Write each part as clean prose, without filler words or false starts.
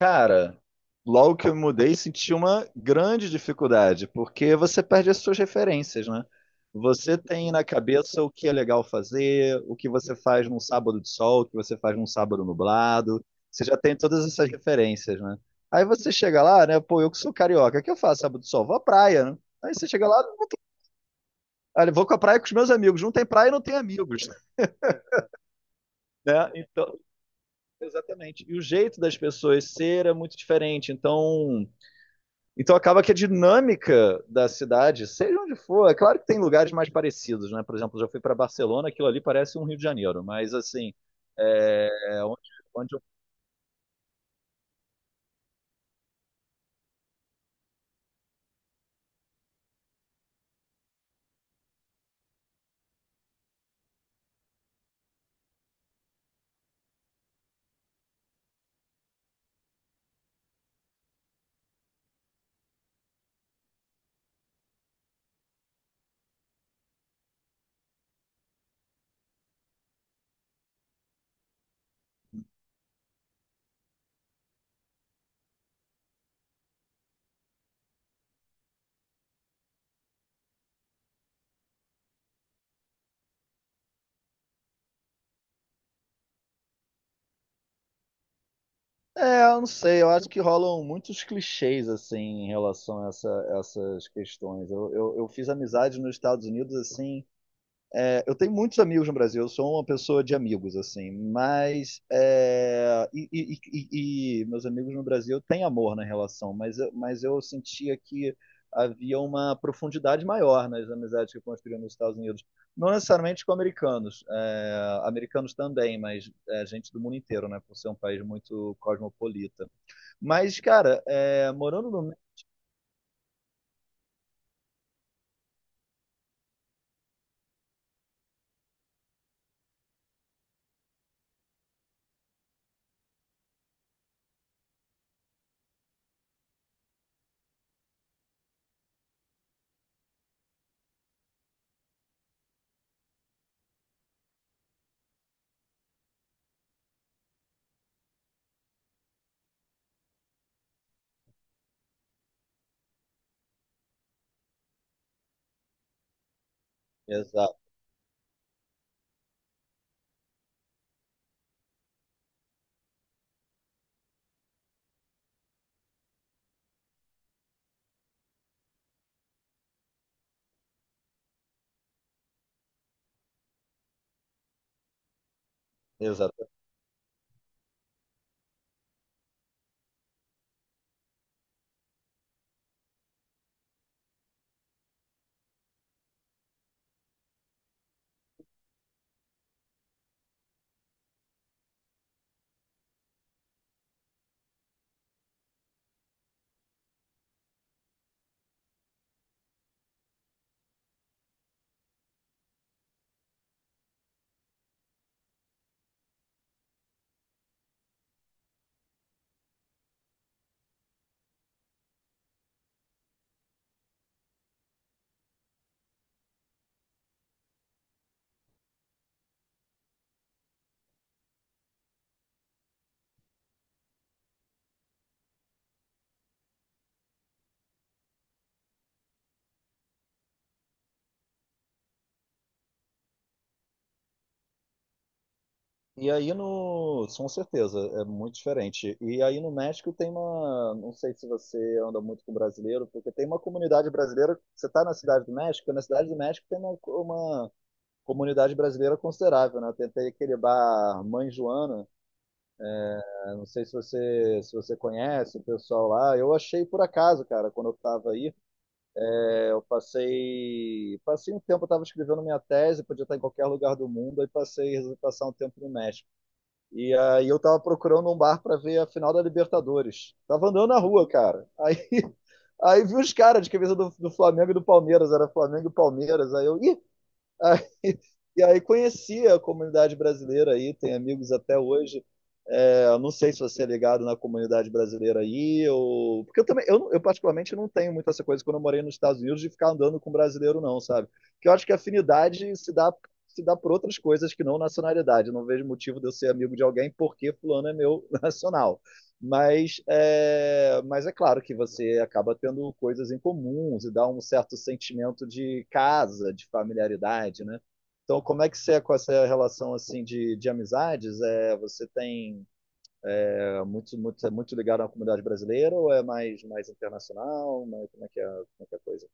Cara, logo que eu me mudei, senti uma grande dificuldade, porque você perde as suas referências, né? Você tem na cabeça o que é legal fazer, o que você faz num sábado de sol, o que você faz num sábado nublado. Você já tem todas essas referências, né? Aí você chega lá, né? Pô, eu que sou carioca, o que eu faço sábado de sol? Vou à praia, né? Aí você chega lá, não tem... Olha, eu vou com a praia com os meus amigos. Não tem praia, não tem amigos, né? Então, exatamente. E o jeito das pessoas ser é muito diferente. Então acaba que a dinâmica da cidade, seja onde for, é claro que tem lugares mais parecidos, né? Por exemplo, eu já fui para Barcelona, aquilo ali parece um Rio de Janeiro, mas assim, é, é onde, onde eu, eu não sei, eu acho que rolam muitos clichês assim em relação a essas questões. Eu fiz amizade nos Estados Unidos assim eu tenho muitos amigos no Brasil, eu sou uma pessoa de amigos, assim, mas meus amigos no Brasil têm amor na relação, mas eu sentia que havia uma profundidade maior nas amizades que eu construía nos Estados Unidos. Não necessariamente com americanos, americanos também, mas gente do mundo inteiro, né, por ser um país muito cosmopolita. Mas, cara, morando no. Exato. E aí no, com certeza, é muito diferente. E aí no México tem uma, não sei se você anda muito com brasileiro, porque tem uma comunidade brasileira, você está na Cidade do México, na Cidade do México tem uma comunidade brasileira considerável, né? Tentei aquele bar Mãe Joana, né? Não sei se você conhece o pessoal lá, eu achei por acaso, cara, quando eu estava aí, eu passei, passei um tempo, eu estava escrevendo minha tese, podia estar em qualquer lugar do mundo, aí passei, resolvi passar um tempo no México. E aí eu tava procurando um bar para ver a final da Libertadores. Tava andando na rua, cara. Aí, aí vi os caras de camisa do Flamengo e do Palmeiras, era Flamengo e Palmeiras. Aí eu, ih! Aí, e aí conheci a comunidade brasileira aí, tem amigos até hoje. É, não sei se você é ligado na comunidade brasileira aí, ou... porque eu também, eu particularmente não tenho muita essa coisa quando eu morei nos Estados Unidos de ficar andando com brasileiro, não, sabe? Que eu acho que a afinidade se dá, se dá por outras coisas que não nacionalidade. Eu não vejo motivo de eu ser amigo de alguém porque fulano é meu nacional. Mas é claro que você acaba tendo coisas em comuns e dá um certo sentimento de casa, de familiaridade, né? Então, como é que você é com essa relação assim de amizades? É, você tem é muito ligado à comunidade brasileira ou é mais, mais internacional? Mas como é que é a coisa?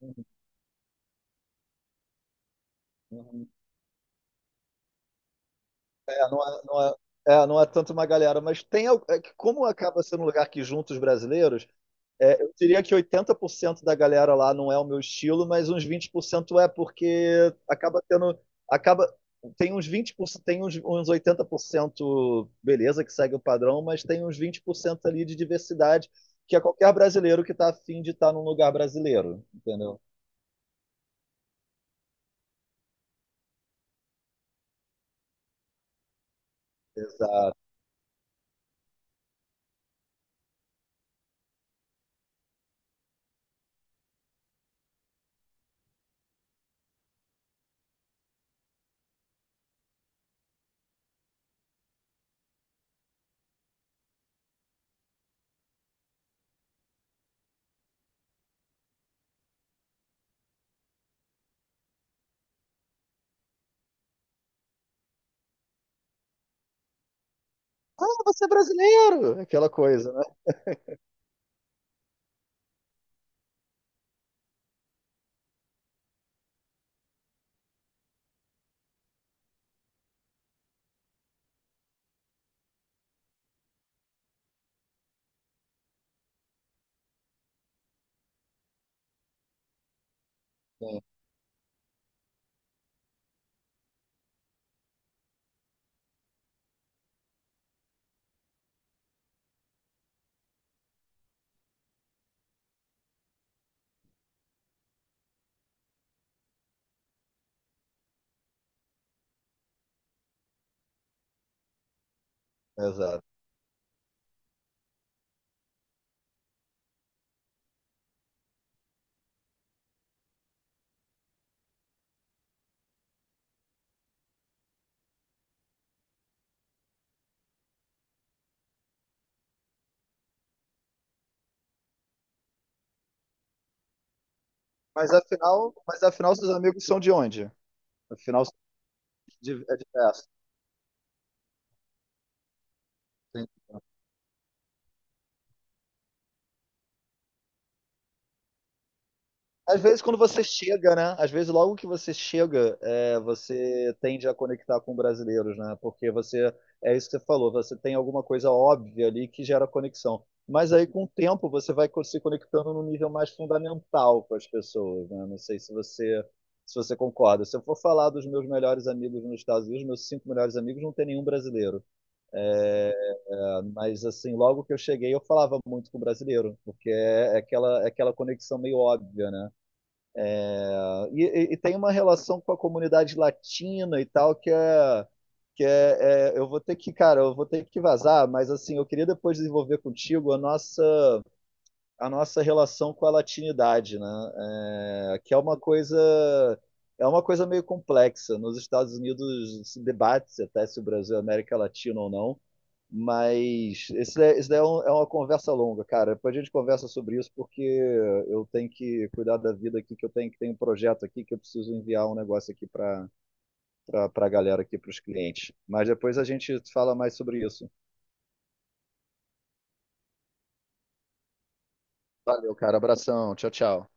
Uhum, uhum. É, não é, não é, não é tanto uma galera, mas tem. É que como acaba sendo um lugar que junta os brasileiros, é, eu diria que 80% da galera lá não é o meu estilo, mas uns 20% é porque acaba tem uns 20%, uns 80% beleza que segue o padrão, mas tem uns 20% ali de diversidade que é qualquer brasileiro que tá afim de estar num lugar brasileiro, entendeu? Ah, você é brasileiro, aquela coisa, né? Sim, exato. Mas afinal seus amigos são de onde? Afinal são é diverso. Às vezes, quando você chega, né? Às vezes, logo que você chega, é, você tende a conectar com brasileiros, né? Porque você, é isso que você falou, você tem alguma coisa óbvia ali que gera conexão. Mas aí, com o tempo, você vai se conectando num nível mais fundamental com as pessoas, né? Não sei se você concorda. Se eu for falar dos meus melhores amigos nos Estados Unidos, meus cinco melhores amigos, não tem nenhum brasileiro. É, mas, assim, logo que eu cheguei, eu falava muito com brasileiro, porque é aquela conexão meio óbvia, né? Ah, e tem uma relação com a comunidade latina e tal, que é. Eu vou ter que, cara, eu vou ter que vazar, mas assim, eu queria depois desenvolver contigo a nossa relação com a latinidade, né? É, que é uma coisa meio complexa. Nos Estados Unidos se debate-se até se o Brasil é América Latina ou não. Mas isso daí é, é uma conversa longa, cara. Depois a gente conversa sobre isso, porque eu tenho que cuidar da vida aqui, que eu tenho que tem um projeto aqui que eu preciso enviar um negócio aqui para a galera aqui, para os clientes. Mas depois a gente fala mais sobre isso. Valeu, cara. Abração. Tchau, tchau.